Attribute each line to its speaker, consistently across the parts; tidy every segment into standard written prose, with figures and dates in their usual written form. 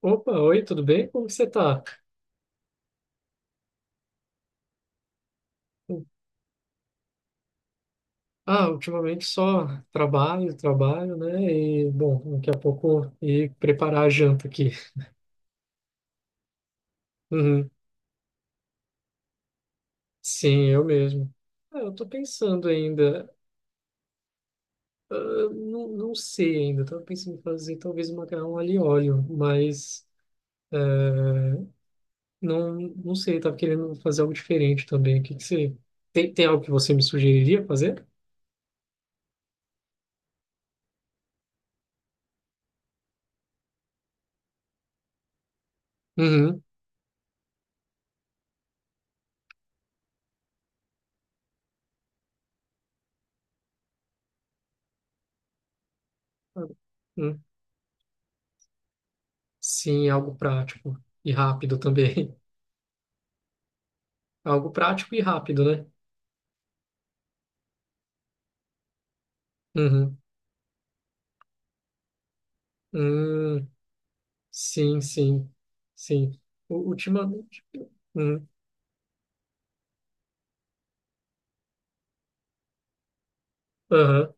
Speaker 1: Opa, oi, tudo bem? Como que você tá? Ah, ultimamente só trabalho, né? E, bom, daqui a pouco ir preparar a janta aqui. Uhum. Sim, eu mesmo. Ah, eu tô pensando ainda, ah, não sei ainda, tava pensando em fazer talvez um macarrão alho e óleo, mas não sei, tava querendo fazer algo diferente também. O que que você... Tem algo que você me sugeriria fazer? Uhum. Ah, Hum. Sim, algo prático e rápido também. Algo prático e rápido, né? Uhum. Hum, sim, sim, sim. U- Ultimamente, hum, aham.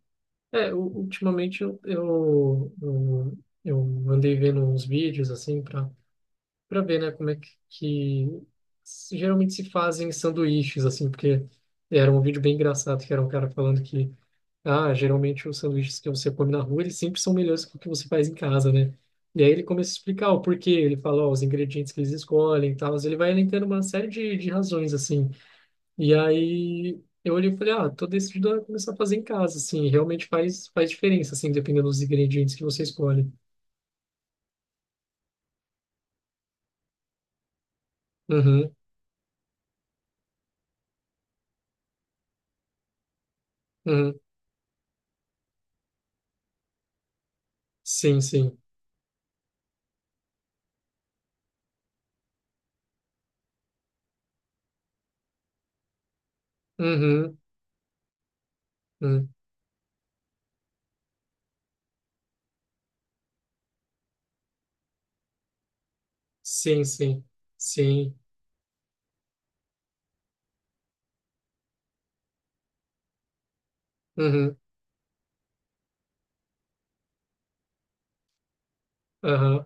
Speaker 1: É, ultimamente eu andei vendo uns vídeos assim para ver, né, como é que geralmente se fazem sanduíches assim, porque era um vídeo bem engraçado que era um cara falando que ah, geralmente os sanduíches que você come na rua, eles sempre são melhores que o que você faz em casa, né? E aí ele começa a explicar o porquê, ele fala, ó, os ingredientes que eles escolhem e tal, ele vai elencando uma série de razões, assim. E aí eu olhei e falei, ah, tô decidido a começar a fazer em casa, assim, realmente faz diferença, assim, dependendo dos ingredientes que você escolhe. Uhum, uhum, sim, sim. Uhum, uhum, sim, sim. Uhum, aham,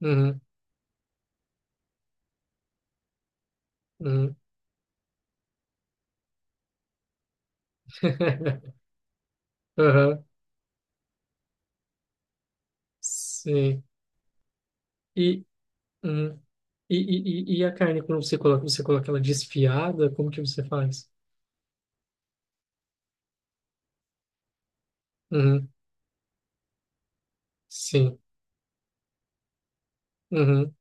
Speaker 1: uhum, uhum, aham, sim. E... uhum. E a carne, quando você coloca ela desfiada, como que você faz? Uhum, sim. Uhum,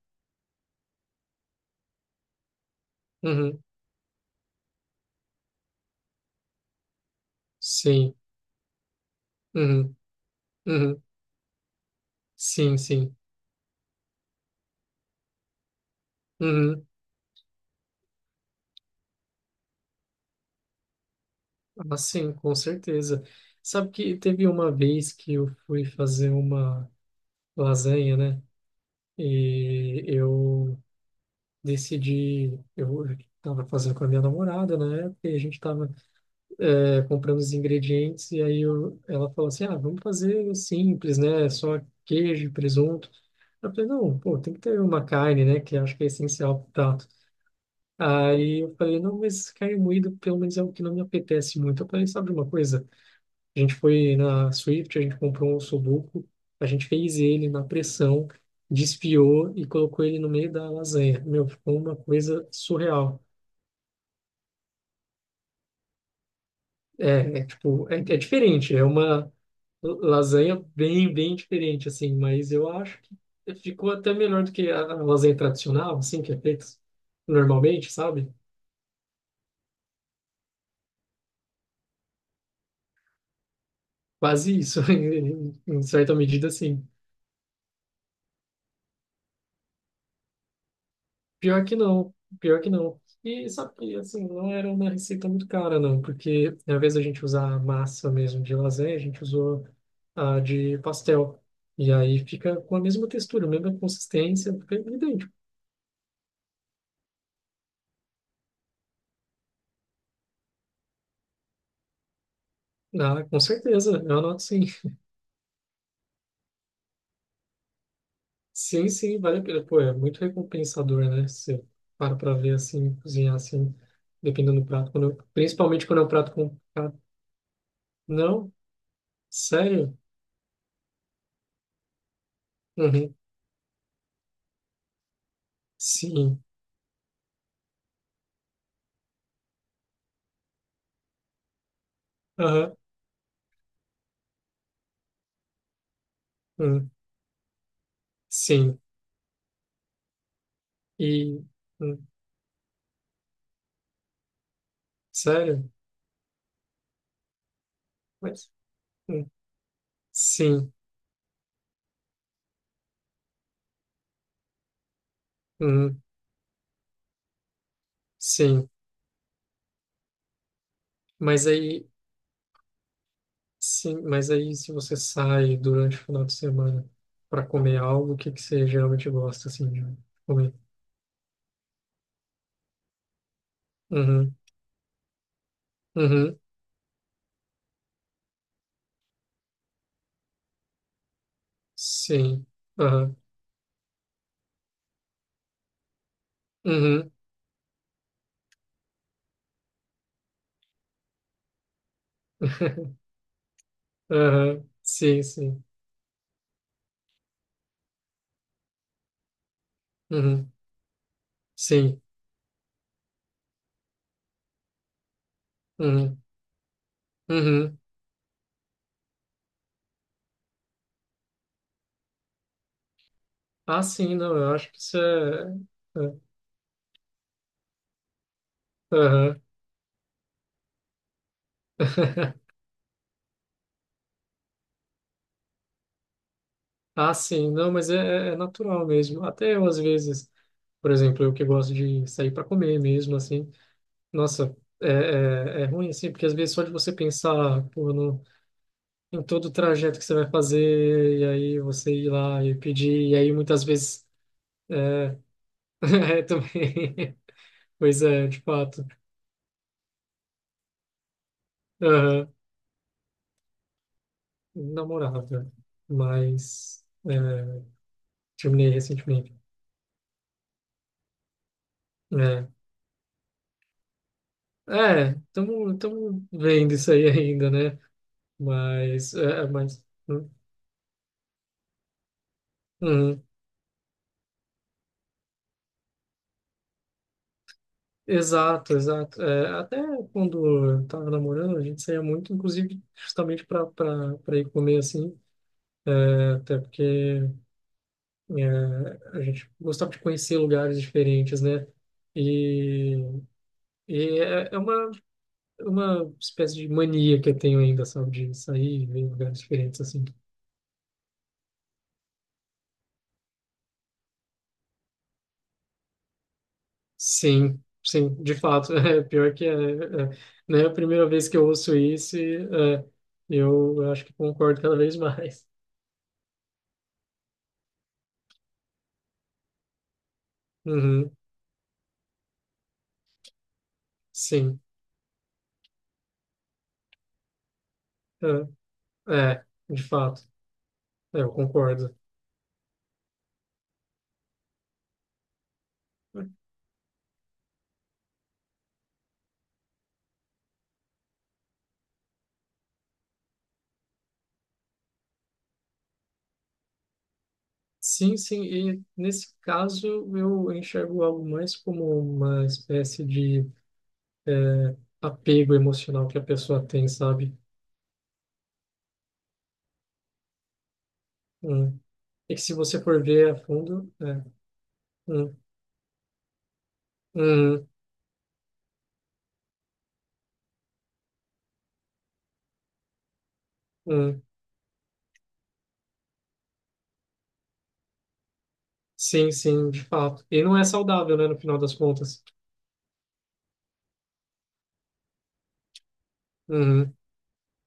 Speaker 1: uhum, sim. Uhum, uhum, sim, sim. Uhum. Ah, sim, com certeza. Sabe que teve uma vez que eu fui fazer uma lasanha, né? E eu decidi, eu estava fazendo com a minha namorada na época, e a gente estava comprando os ingredientes e aí eu, ela falou assim, ah, vamos fazer simples, né? Só queijo e presunto. Eu falei, não, pô, tem que ter uma carne, né? Que eu acho que é essencial pro prato. Aí eu falei, não, mas carne moída pelo menos é o que não me apetece muito. Eu falei, sabe de uma coisa? A gente foi na Swift, a gente comprou um sudoku, a gente fez ele na pressão, desfiou e colocou ele no meio da lasanha. Meu, ficou uma coisa surreal. É, é tipo, é, é diferente, é uma lasanha bem diferente, assim, mas eu acho que ficou até melhor do que a lasanha tradicional, assim, que é feita normalmente, sabe? Quase isso, em certa medida, sim. Pior que não, pior que não. E sabe que, assim, não era uma receita muito cara, não, porque ao invés da gente usar a massa mesmo de lasanha, a gente usou a de pastel. E aí fica com a mesma textura, a mesma consistência, fica idêntico. Ah, com certeza, eu anoto sim. Sim, sim, vale a pena. Pô, é muito recompensador, né? Você para pra ver assim, cozinhar assim, dependendo do prato. Quando eu- principalmente quando é um prato complicado. Não? Sério? Uhum. Sim. Aham. Hum. Sim. E. Hum. Sério? Mas. Hum. Sim. Uhum. Sim. Mas aí. Sim, mas aí se você sai durante o final de semana para comer algo, o que que você geralmente gosta assim de comer? Uhum. Uhum. Sim. Aham. Uhum. Uhum. Sim, sim. Uhum. Sim. Uhum. Uhum. Ah, sim, não, eu acho que isso é. É, Uhum. Ah, sim, não, mas é, é é natural mesmo. Até eu, às vezes, por exemplo, eu que gosto de sair para comer mesmo, assim, nossa, é, é, é ruim, assim, porque às vezes só de você pensar, pô, no, em todo o trajeto que você vai fazer, e aí você ir lá e pedir, e aí muitas vezes. É, é também. Pois é, de fato. Aham. Namorada, mas é, terminei recentemente. É, é, estamos vendo isso aí ainda, né? Mas, é, é, mas, hum, exato, exato. É, até quando eu estava namorando, a gente saía muito, inclusive, justamente para ir comer assim, né? Até porque é, a gente gostava de conhecer lugares diferentes, né? E, e é, é uma espécie de mania que eu tenho ainda, sabe, de sair e ver lugares diferentes, assim. Sim, sim, de fato, é pior que é, é, né, a primeira vez que eu ouço isso, e, é, eu acho que concordo cada vez mais. Uhum, sim, é, é, de fato, é, eu concordo. Sim, sim, e nesse caso eu enxergo algo mais como uma espécie de é, apego emocional que a pessoa tem, sabe? Hum. E que se você for ver a fundo, é, hum, hum, hum, sim, sim, de fato. E não é saudável, né, no final das contas. Uhum,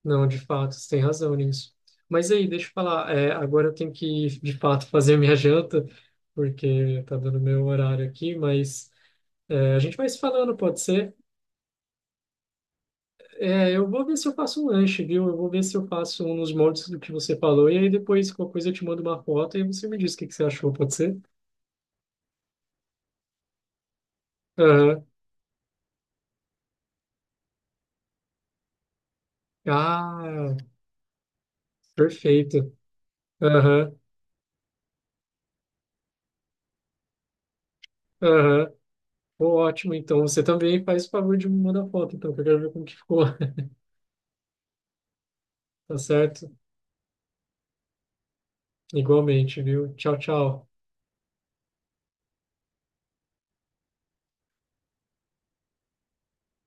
Speaker 1: não, de fato, você tem razão nisso. Mas aí, deixa eu falar, é, agora eu tenho que, de fato, fazer minha janta, porque tá dando meu horário aqui, mas é, a gente vai se falando, pode ser? É, eu vou ver se eu faço um lanche, viu? Eu vou ver se eu faço um nos moldes do que você falou, e aí depois, qualquer coisa, eu te mando uma foto e você me diz o que que você achou, pode ser? Aham. Ah, perfeito. Aham, aham. Pô, ótimo, então você também faz o favor de me mandar foto, então, que eu quero ver como que ficou. Tá certo? Igualmente, viu? Tchau, tchau.